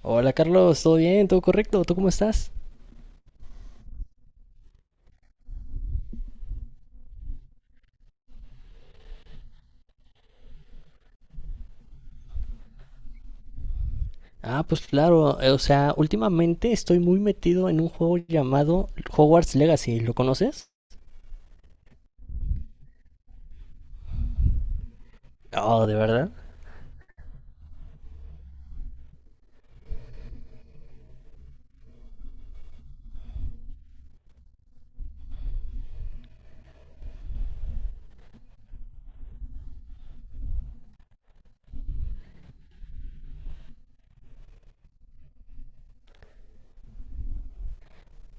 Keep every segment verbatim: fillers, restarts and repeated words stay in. Hola Carlos, ¿todo bien? ¿Todo correcto? ¿Tú cómo estás? Ah, pues claro, eh, o sea, últimamente estoy muy metido en un juego llamado Hogwarts Legacy, ¿lo conoces? Oh, ¿de verdad?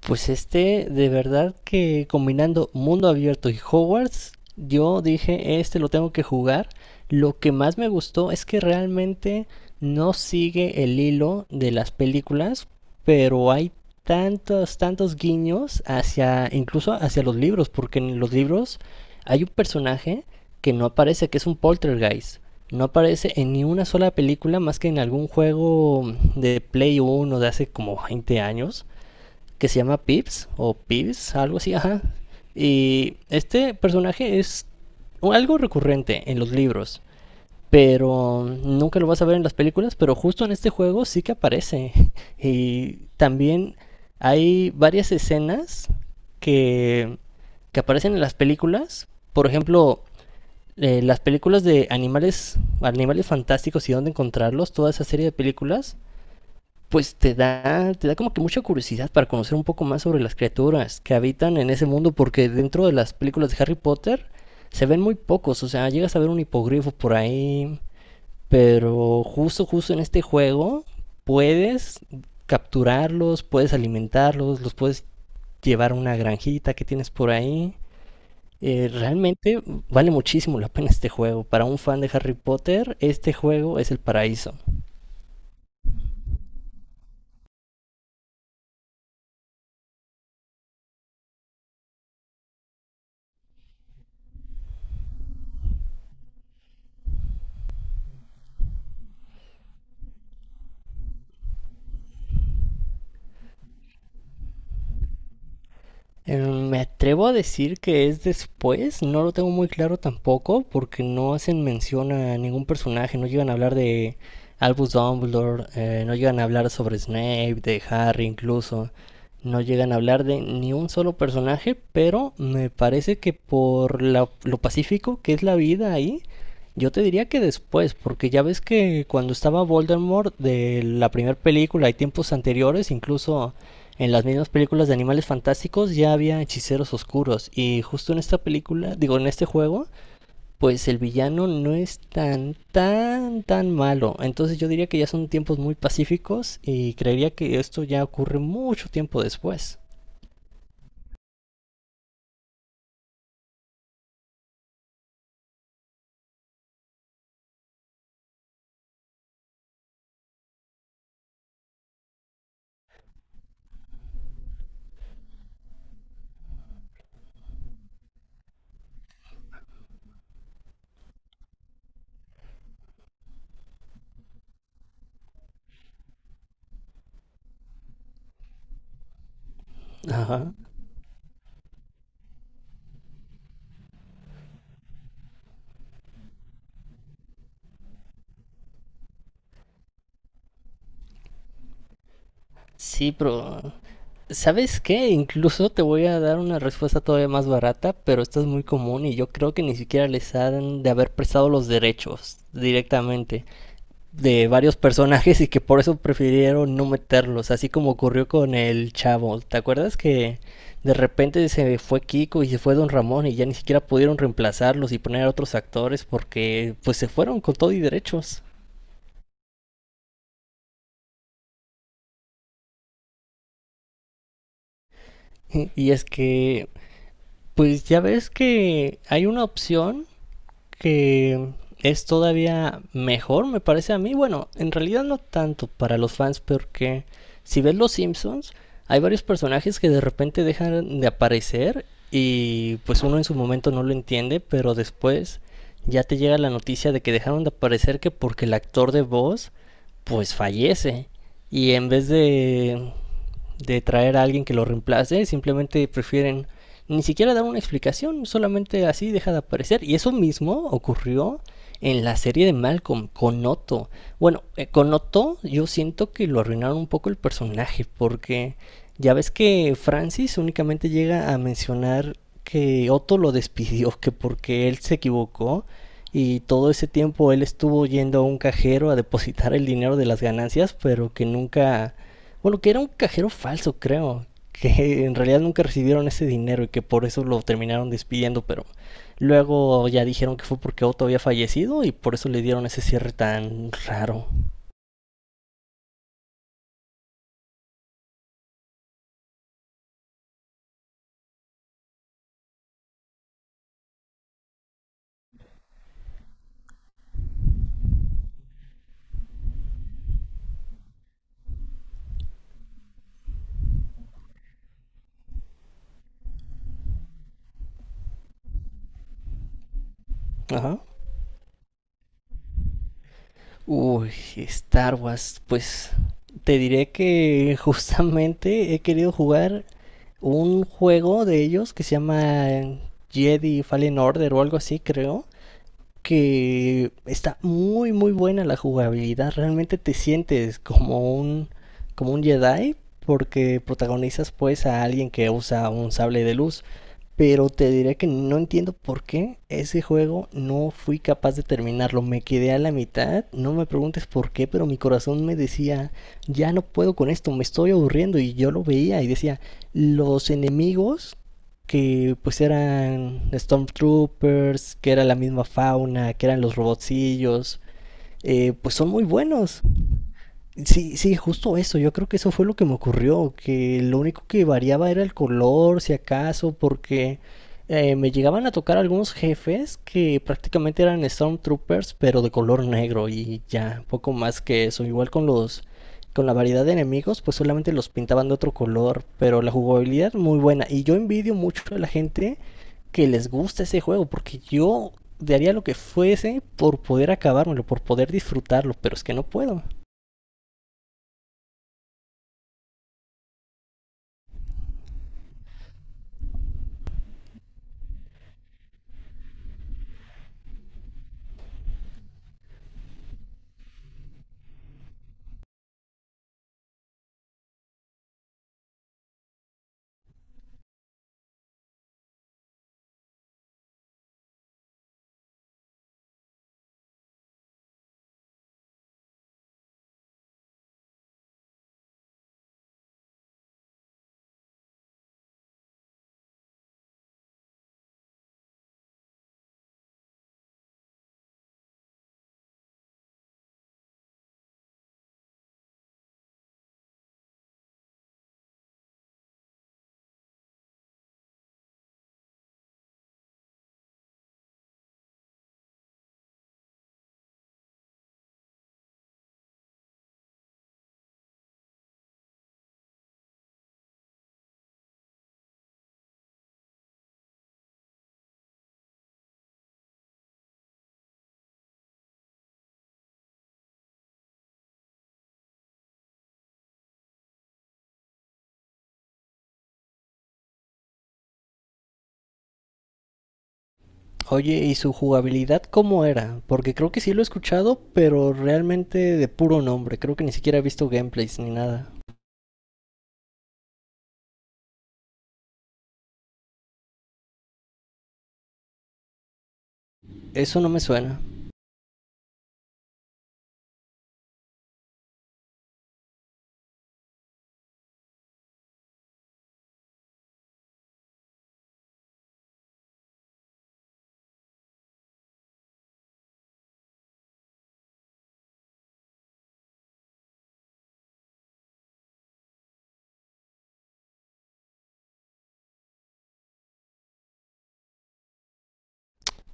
Pues este, de verdad que combinando mundo abierto y Hogwarts, yo dije, este lo tengo que jugar. Lo que más me gustó es que realmente no sigue el hilo de las películas, pero hay tantos, tantos guiños hacia, incluso hacia los libros, porque en los libros hay un personaje que no aparece, que es un poltergeist. No aparece en ni una sola película más que en algún juego de Play Uno de hace como veinte años que se llama Pips o Pips, algo así, ajá. Y este personaje es algo recurrente en los libros, pero nunca lo vas a ver en las películas, pero justo en este juego sí que aparece. Y también hay varias escenas que, que aparecen en las películas. Por ejemplo, eh, las películas de animales, animales fantásticos y dónde encontrarlos, toda esa serie de películas, pues te da, te da como que mucha curiosidad para conocer un poco más sobre las criaturas que habitan en ese mundo, porque dentro de las películas de Harry Potter se ven muy pocos, o sea, llegas a ver un hipogrifo por ahí, pero justo, justo en este juego puedes capturarlos, puedes alimentarlos, los puedes llevar a una granjita que tienes por ahí. Eh, realmente vale muchísimo la pena este juego. Para un fan de Harry Potter, este juego es el paraíso. Mm, Me atrevo a decir que es después, no lo tengo muy claro tampoco, porque no hacen mención a ningún personaje, no llegan a hablar de Albus Dumbledore, eh, no llegan a hablar sobre Snape, de Harry incluso, no llegan a hablar de ni un solo personaje, pero me parece que por la- lo pacífico que es la vida ahí, yo te diría que después, porque ya ves que cuando estaba Voldemort de la primera película y tiempos anteriores, incluso en las mismas películas de Animales Fantásticos ya había hechiceros oscuros y justo en esta película, digo en este juego, pues el villano no es tan tan tan malo. Entonces yo diría que ya son tiempos muy pacíficos y creería que esto ya ocurre mucho tiempo después. Ajá. Sí, pero ¿sabes qué? Incluso te voy a dar una respuesta todavía más barata, pero esta es muy común y yo creo que ni siquiera les han de haber prestado los derechos directamente de varios personajes y que por eso prefirieron no meterlos, así como ocurrió con el chavo. ¿Te acuerdas que de repente se fue Kiko y se fue Don Ramón y ya ni siquiera pudieron reemplazarlos y poner a otros actores porque pues se fueron con todo y derechos? Y es que pues ya ves que hay una opción que es todavía mejor, me parece a mí. Bueno, en realidad no tanto para los fans, porque si ves Los Simpsons, hay varios personajes que de repente dejan de aparecer y pues uno en su momento no lo entiende, pero después ya te llega la noticia de que dejaron de aparecer que porque el actor de voz pues fallece. Y en vez de, de traer a alguien que lo reemplace, simplemente prefieren ni siquiera dar una explicación, solamente así deja de aparecer. Y eso mismo ocurrió en la serie de Malcolm con Otto. Bueno, eh, con Otto yo siento que lo arruinaron un poco el personaje porque ya ves que Francis únicamente llega a mencionar que Otto lo despidió, que porque él se equivocó y todo ese tiempo él estuvo yendo a un cajero a depositar el dinero de las ganancias, pero que nunca... Bueno, que era un cajero falso, creo. Que en realidad nunca recibieron ese dinero y que por eso lo terminaron despidiendo, pero luego ya dijeron que fue porque Otto había fallecido y por eso le dieron ese cierre tan raro. Ajá. Uy, Star Wars, pues te diré que justamente he querido jugar un juego de ellos que se llama Jedi Fallen Order o algo así, creo que está muy muy buena la jugabilidad. Realmente te sientes como un como un Jedi porque protagonizas pues a alguien que usa un sable de luz. Pero te diré que no entiendo por qué ese juego no fui capaz de terminarlo. Me quedé a la mitad, no me preguntes por qué, pero mi corazón me decía, ya no puedo con esto, me estoy aburriendo. Y yo lo veía y decía, los enemigos que pues eran Stormtroopers, que era la misma fauna, que eran los robotcillos, eh, pues son muy buenos. Sí, sí, justo eso. Yo creo que eso fue lo que me ocurrió, que lo único que variaba era el color, si acaso, porque eh, me llegaban a tocar algunos jefes que prácticamente eran Stormtroopers, pero de color negro y ya, poco más que eso. Igual con los, con la variedad de enemigos, pues solamente los pintaban de otro color, pero la jugabilidad muy buena. Y yo envidio mucho a la gente que les gusta ese juego, porque yo daría lo que fuese por poder acabármelo, por poder disfrutarlo, pero es que no puedo. Oye, ¿y su jugabilidad cómo era? Porque creo que sí lo he escuchado, pero realmente de puro nombre. Creo que ni siquiera he visto gameplays ni nada. Eso no me suena.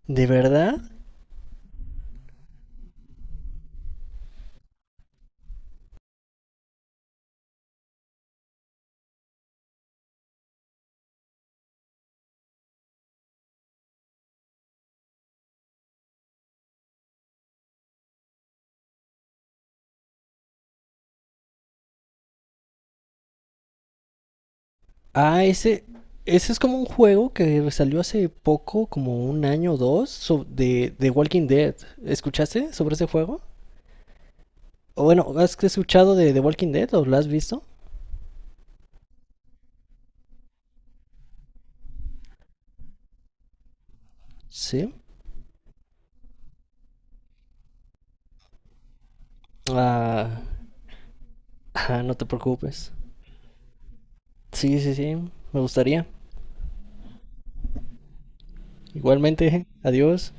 ¿De verdad? Ah, ese, ese es como un juego que salió hace poco, como un año o dos, so- de, de Walking Dead. ¿Escuchaste sobre ese juego? O bueno, ¿has escuchado de The Walking Dead o lo has visto? Sí. Ah, ah, no te preocupes. Sí, sí, sí. Me gustaría. Igualmente, adiós.